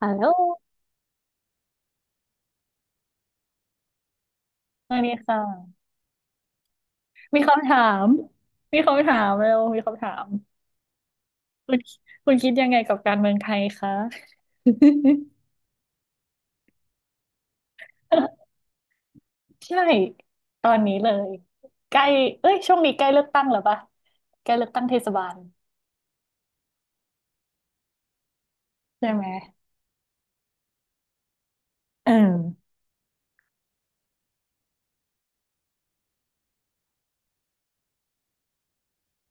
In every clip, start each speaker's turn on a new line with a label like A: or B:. A: ฮัลโหลสวัสดีค่ะมีคำถามมีคำถามเร็วมีคำถามคุณคุณคิดยังไงกับการเมืองไทยคะ ใช่ตอนนี้เลยใกล้เอ้ยช่วงนี้ใกล้เลือกตั้งแล้วปะใกล้เลือกตั้งเทศบาลใช่ไหมเออ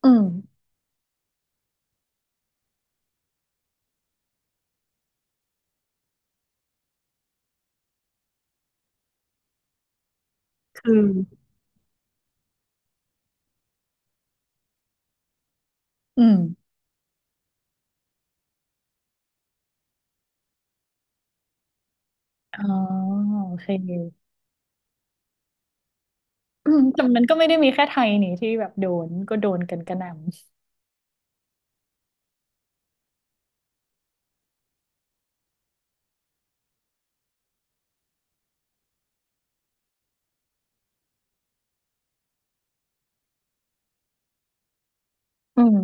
A: อืมคืออืมอ๋อโอเคอืมแต่มันก็ไม่ได้มีแค่ไทยนี่ที่แบบโดนก็โดนกันกระหน่ำอืม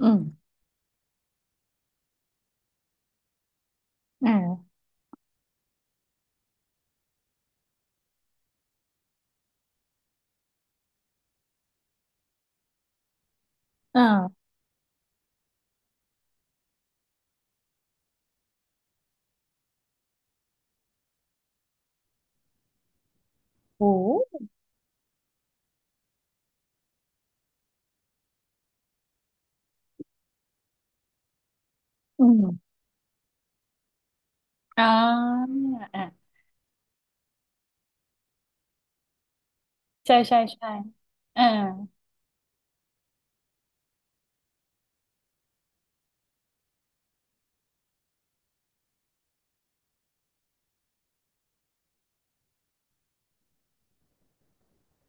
A: อืมอ่าอ่าโอ้อืมอ่าอ่า ใช่ใช่ใช่อ่า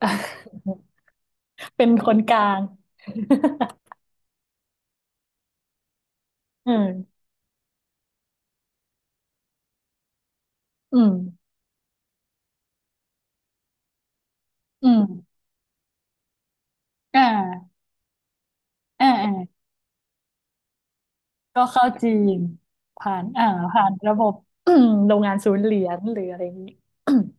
A: เป็นคนกลาง อืมอืมอืมอ่าอ่าอ่าก็เข้าจีนผ่านอ่าผ่านระบบ โรงงานศูนย์เหรียญหรืออะไรอย่างนี้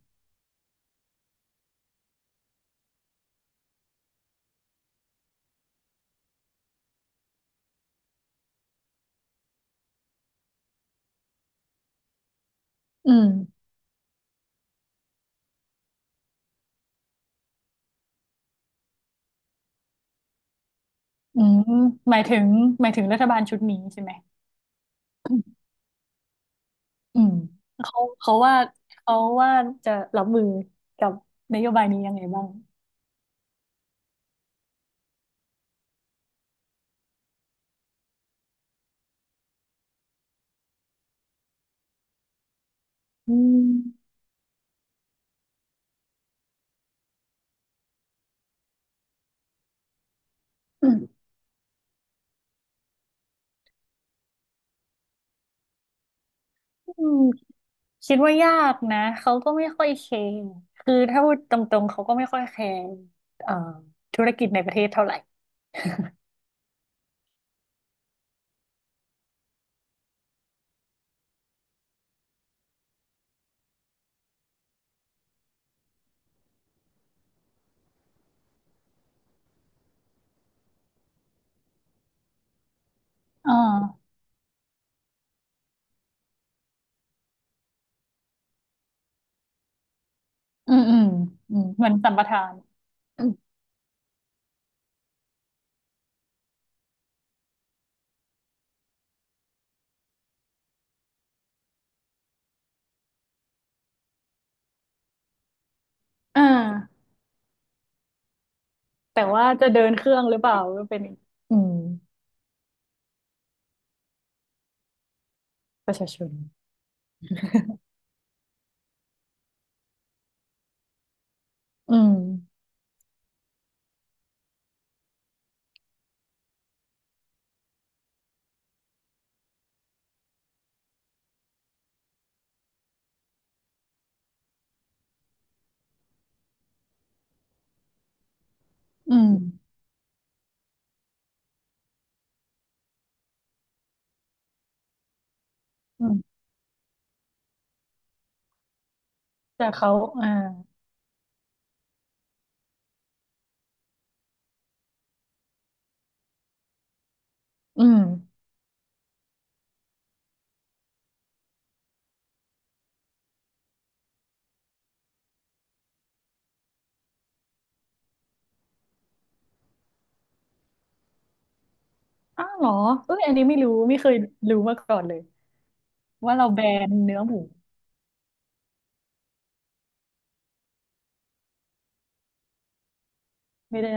A: อืมอืมหมายถึงหมายถึงรัฐบาลชุดนี้ใช่ไหม อืมเขาเขาว่าเขาว่าจะรับมือกับนโยบายนี้ยังไงบ้างอืมอืม คิดว่ายากนะเขาก็ไม่ค่อยแคร์คือถ้าพูดตรงๆเขาก็ไม่ค่อยแคร์เอ่อธุรกิจในประเทศเท่าไหร่อ่าอืมอืมอืมเหมือนสัมปทานอืมอ่าแต่ว่าจะเดินเครื่องหรือเปล่าก็เป็นอีกอืมประชาชนอืมอืมอืมแต่เขาอ่าอืมอ้าวเหรอเอ้ยอันนี้ไม่รู้ไม่เคยรู้มาก่อนเลยว่าเราแบนเนื้อหมูไม่ได้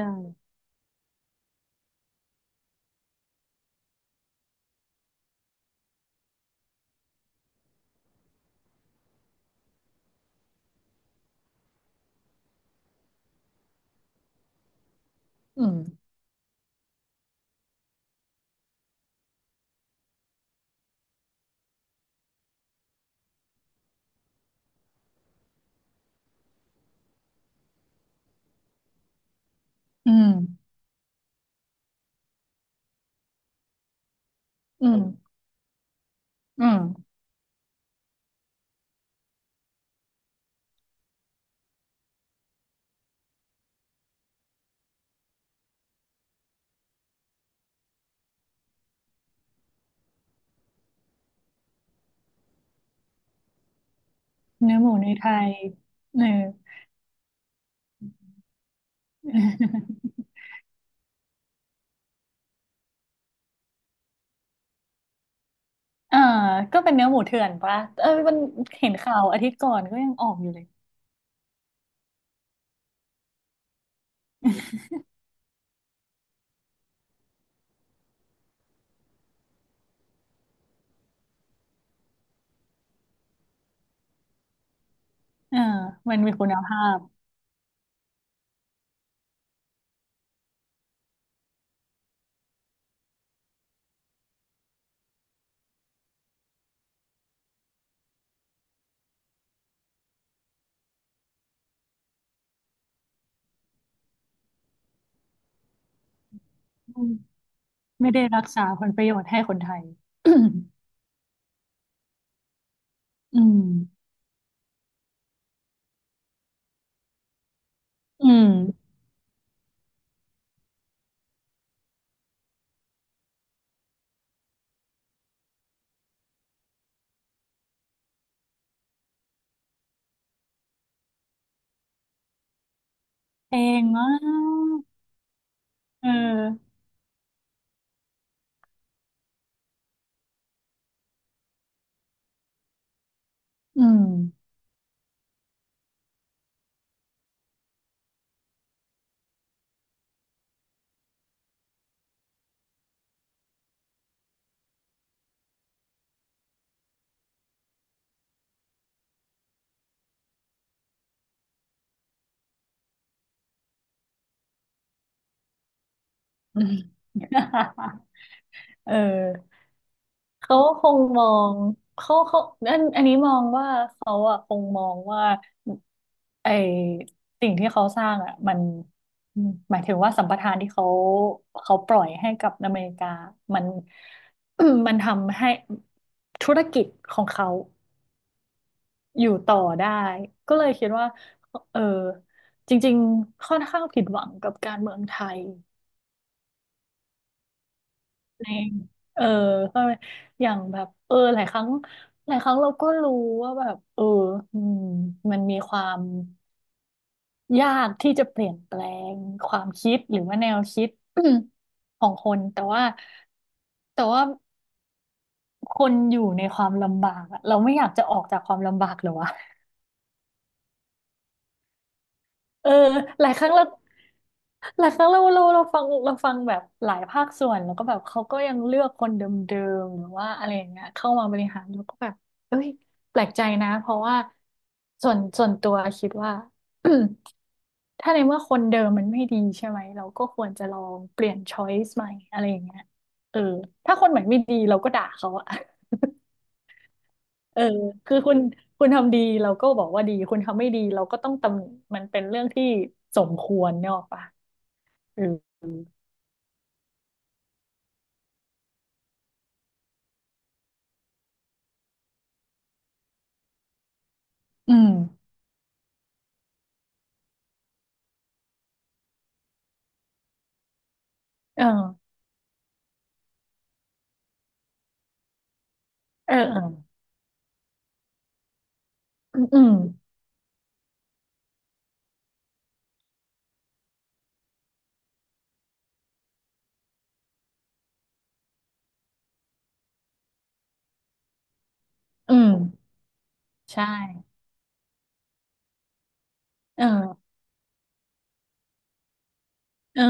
A: อืมอืมอืมอืม เนื้อหมูในไทยเออ อ่าก็เป็นเนื้อหมูเถื่อนปะเออมันเห็นข่าวอาทิตย์ก่อนก็ยังออกอยู่เลยอ่ามันมีคุณภาพอืมไม่ได้รักษาผลประโยชน์ให้คนไทย อืมอืมเพลงมากเอออืม เออ เขาคงมองเขาอันนี้มองว่าเขาอะคงมองว่าไอสิ่งที่เขาสร้างอะมันหมายถึงว่าสัมปทานที่เขาปล่อยให้กับอเมริกามัน มันทำให้ธุรกิจของเขาอยู่ต่อได้ก็เลยคิดว่าเออจริงๆค่อนข้างผิดหวังกับการเมืองไทย เองเออเข้าใจอย่างแบบเออหลายครั้งเราก็รู้ว่าแบบเอออืมมันมีความยากที่จะเปลี่ยนแปลงความคิดหรือว่าแนวคิด ของคนแต่ว่าคนอยู่ในความลำบากอะเราไม่อยากจะออกจากความลำบากเหรอวะ เออหลายครั้งเราหลายครั้งเราฟังเราฟังแบบหลายภาคส่วนแล้วก็แบบเขาก็ยังเลือกคนเดิมๆหรือว่าอะไรอย่างเงี้ยเข้ามาบริหารแล้วก็แบบเอ้ยแปลกใจนะเพราะว่าส่วนตัวคิดว่า ถ้าในเมื่อคนเดิมมันไม่ดีใช่ไหมเราก็ควรจะลองเปลี่ยนช้อยส์ใหม่อะไรอย่างเงี้ยเออถ้าคนใหม่ไม่ดีเราก็ด่าเขาอะ เออคือคุณทำดีเราก็บอกว่าดี คุณทำไม่ดีเราก็ต้องตำหนิมันเป็นเรื่องที่สมควรเนกอะปะ อืมเออเออเอออืมอืมอืม ใช่เออเออ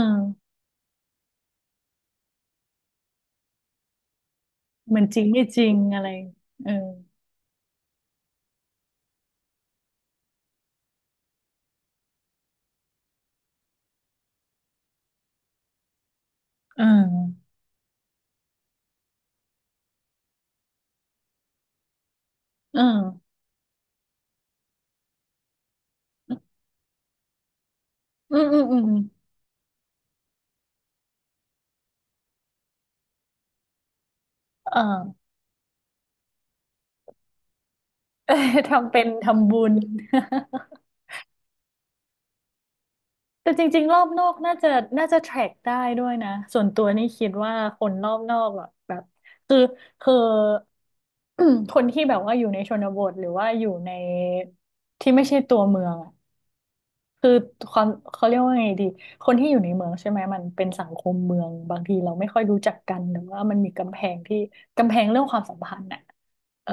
A: เหมันจริงไม่จริงอะไรเออเออเอออืมอืมอืมเออ เออทำเป็นทำบุญ แต่จริงๆรอบนอกน่าจะ t ทร c กได้ด้วยนะส่วนตัวนี่คิดว่าคนรอบนอกอะแบบคือคือ คนที่แบบว่าอยู่ในชนบทหรือว่าอยู่ในที่ไม่ใช่ตัวเมืองอะ คือความเขาเรียกว่าไงดีคนที่อยู่ในเมืองใช่ไหมมันเป็นสังคมเมืองบางทีเราไม่ค่อยรู้จักกันหรือว่ามันมีกำแพงที่กำแพงเรื่องความสัมพันธ์น่ะเออ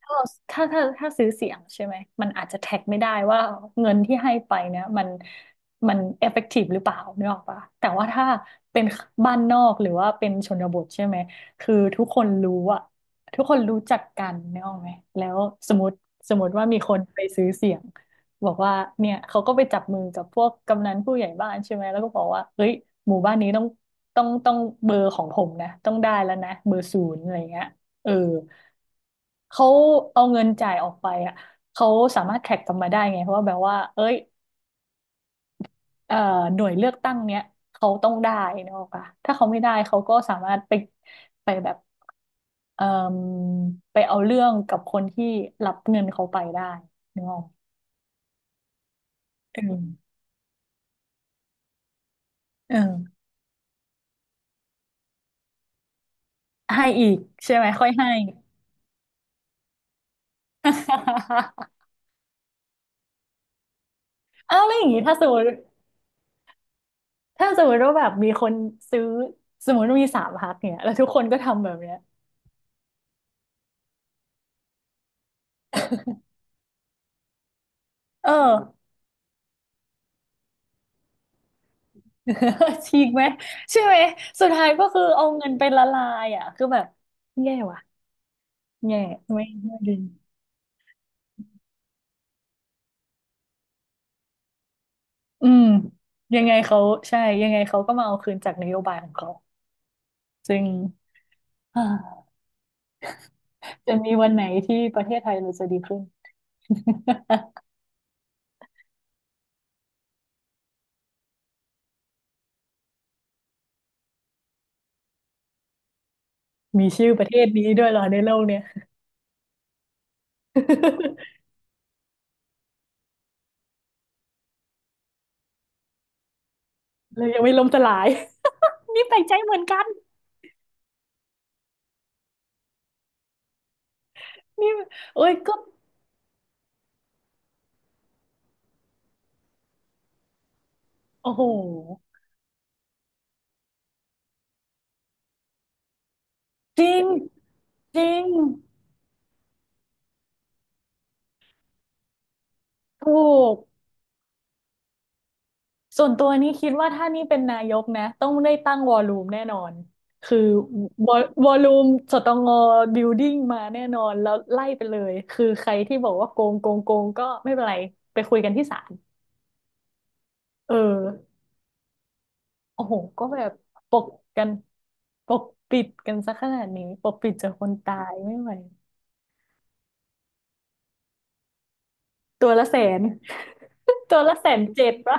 A: ถ้าเราถ้าซื้อเสียงใช่ไหมมันอาจจะแท็กไม่ได้ว่าเงินที่ให้ไปเนี่ยมันมันเอฟเฟกตีฟหรือเปล่านึกออกปะแต่ว่าถ้าเป็นบ้านนอกหรือว่าเป็นชนบทใช่ไหมคือทุกคนรู้อะทุกคนรู้จักกันนึกออกไหมแล้วสมมติสมมติว่ามีคนไปซื้อเสียง บอกว่าเนี่ยเขาก็ไปจับมือกับพวกกำนันผู้ใหญ่บ้านใช่ไหมแล้วก็บอกว่าเฮ้ยหมู่บ้านนี้ต้องเบอร์ของผมนะต้องได้แล้วนะเบอร์ศูนย์อะไรเงี้ยเออเขาเอาเงินจ่ายออกไปอ่ะเขาสามารถแท็กกลับมาได้ไงเพราะว่าแบบว่าเอ้ยเอ่อหน่วยเลือกตั้งเนี้ยเขาต้องได้นะออกปะถ้าเขาไม่ได้เขาก็สามารถไปแบบเอ่อไปเอาเรื่องกับคนที่รับเงินเขาไปได้นึกออกเออเออ ให้อีกใช่ไหมค่อยให้ อ้าวแล้วอย่างนี้ถ้าสมมติถ้าสมมติว่าแบบมีคนซื้อสมมติว่ามีสามพักเนี่ยแล้วทุกคนก็ทำแบบเนี้ยเออ ฉีกไหมใช่ไหมสุดท้ายก็คือเอาเงินไปละลายอ่ะคือแบบแย่ว่ะแย่ไม่ดีอืมยังไงเขาใช่ยังไงเขาก็มาเอาคืนจากนโยบายของเขาซึ่ง อ่าจะมีวันไหนที่ประเทศไทยเราจะดีขึ้น มีชื่อประเทศนี้ด้วยเหรอในโลกเนี่ย เลยยังไม่ล้มสลาย นี่แปลกใจเหมือนกันนี่เอ้ยก็โอ้โหจริงจริงถูกส่วนตัวนี่คิดว่าถ้านี่เป็นนายกนะต้องได้ตั้งวอลลุ่มแน่นอนคือวอลลุ่มสตงบิลดิ้งมาแน่นอนแล้วไล่ไปเลยคือใครที่บอกว่าโกงโกงโกงก็ไม่เป็นไรไปคุยกันที่ศาลเออโอ้โหก็แบบปกกันปกปิดกันซะขนาดนี้ปกปิดจากคนตายไม่ไหว ตัวละแสน ตัวละแสนเจ็ดปะ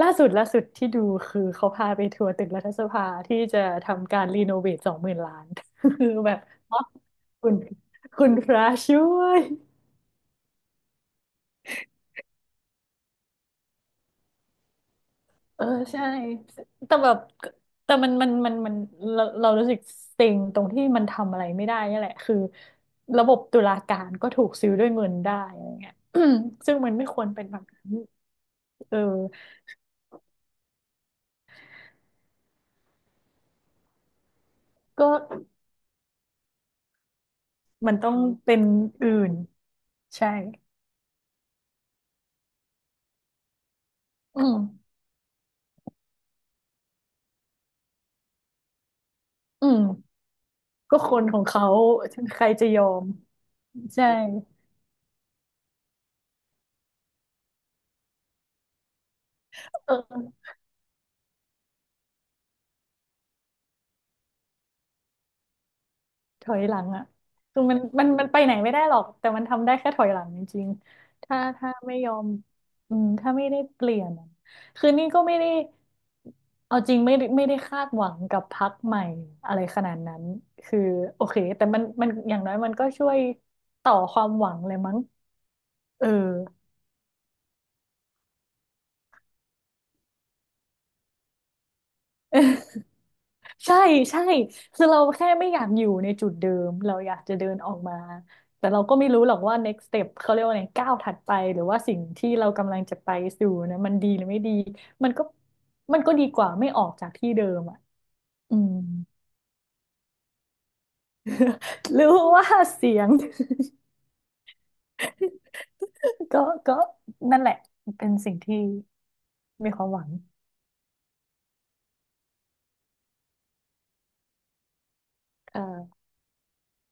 A: ล่าสุดล่าสุดที่ดูคือเขาพาไปทัวร์ตึกรัฐสภาที่จะทำการรีโนเวทสองหมื่นล้าน คือแบบเนาะคุณคุณพระช่วยเออใช่แต่แบบแต่มันเรารู้สึกเซ็งตรงที่มันทำอะไรไม่ได้นี่แหละคือระบบตุลาการก็ถูกซื้อด้วยเงินได้อะไรเงี้ย ซึ่งมันไม่ควรเป็นแบบนั้นเออก็มันต้องเป็นอื่นใช่ อืมอืมก็คนของเขาใครจะยอมใช่เออถอยหลังอ่ะคือมันไปไหนไม่ได้หรอกแต่มันทำได้แค่ถอยหลังจริงๆถ้าไม่ยอมอืมถ้าไม่ได้เปลี่ยนอะคือนี่ก็ไม่ได้เอาจริงไม่ได้คาดหวังกับพรรคใหม่อะไรขนาดนั้นคือโอเคแต่มันอย่างน้อยมันก็ช่วยต่อความหวังเลยมั้งเออ ใช่ใช่คือเราแค่ไม่อยากอยู่ในจุดเดิม เราอยากจะเดินออกมา แต่เราก็ไม่รู้หรอกว่า next step เขาเรียกว่าไงก้าวถัดไปหรือว่าสิ่งที่เรากำลังจะไปสู่นะมันดีหรือไม่ดีมันก็มันก็ดีกว่าไม่ออกจากที่เดิมอ่ะอืม รู้ว่าเสียง ก็ก็นั่นแหละเป็นสิ่งที่มีความหวังเออ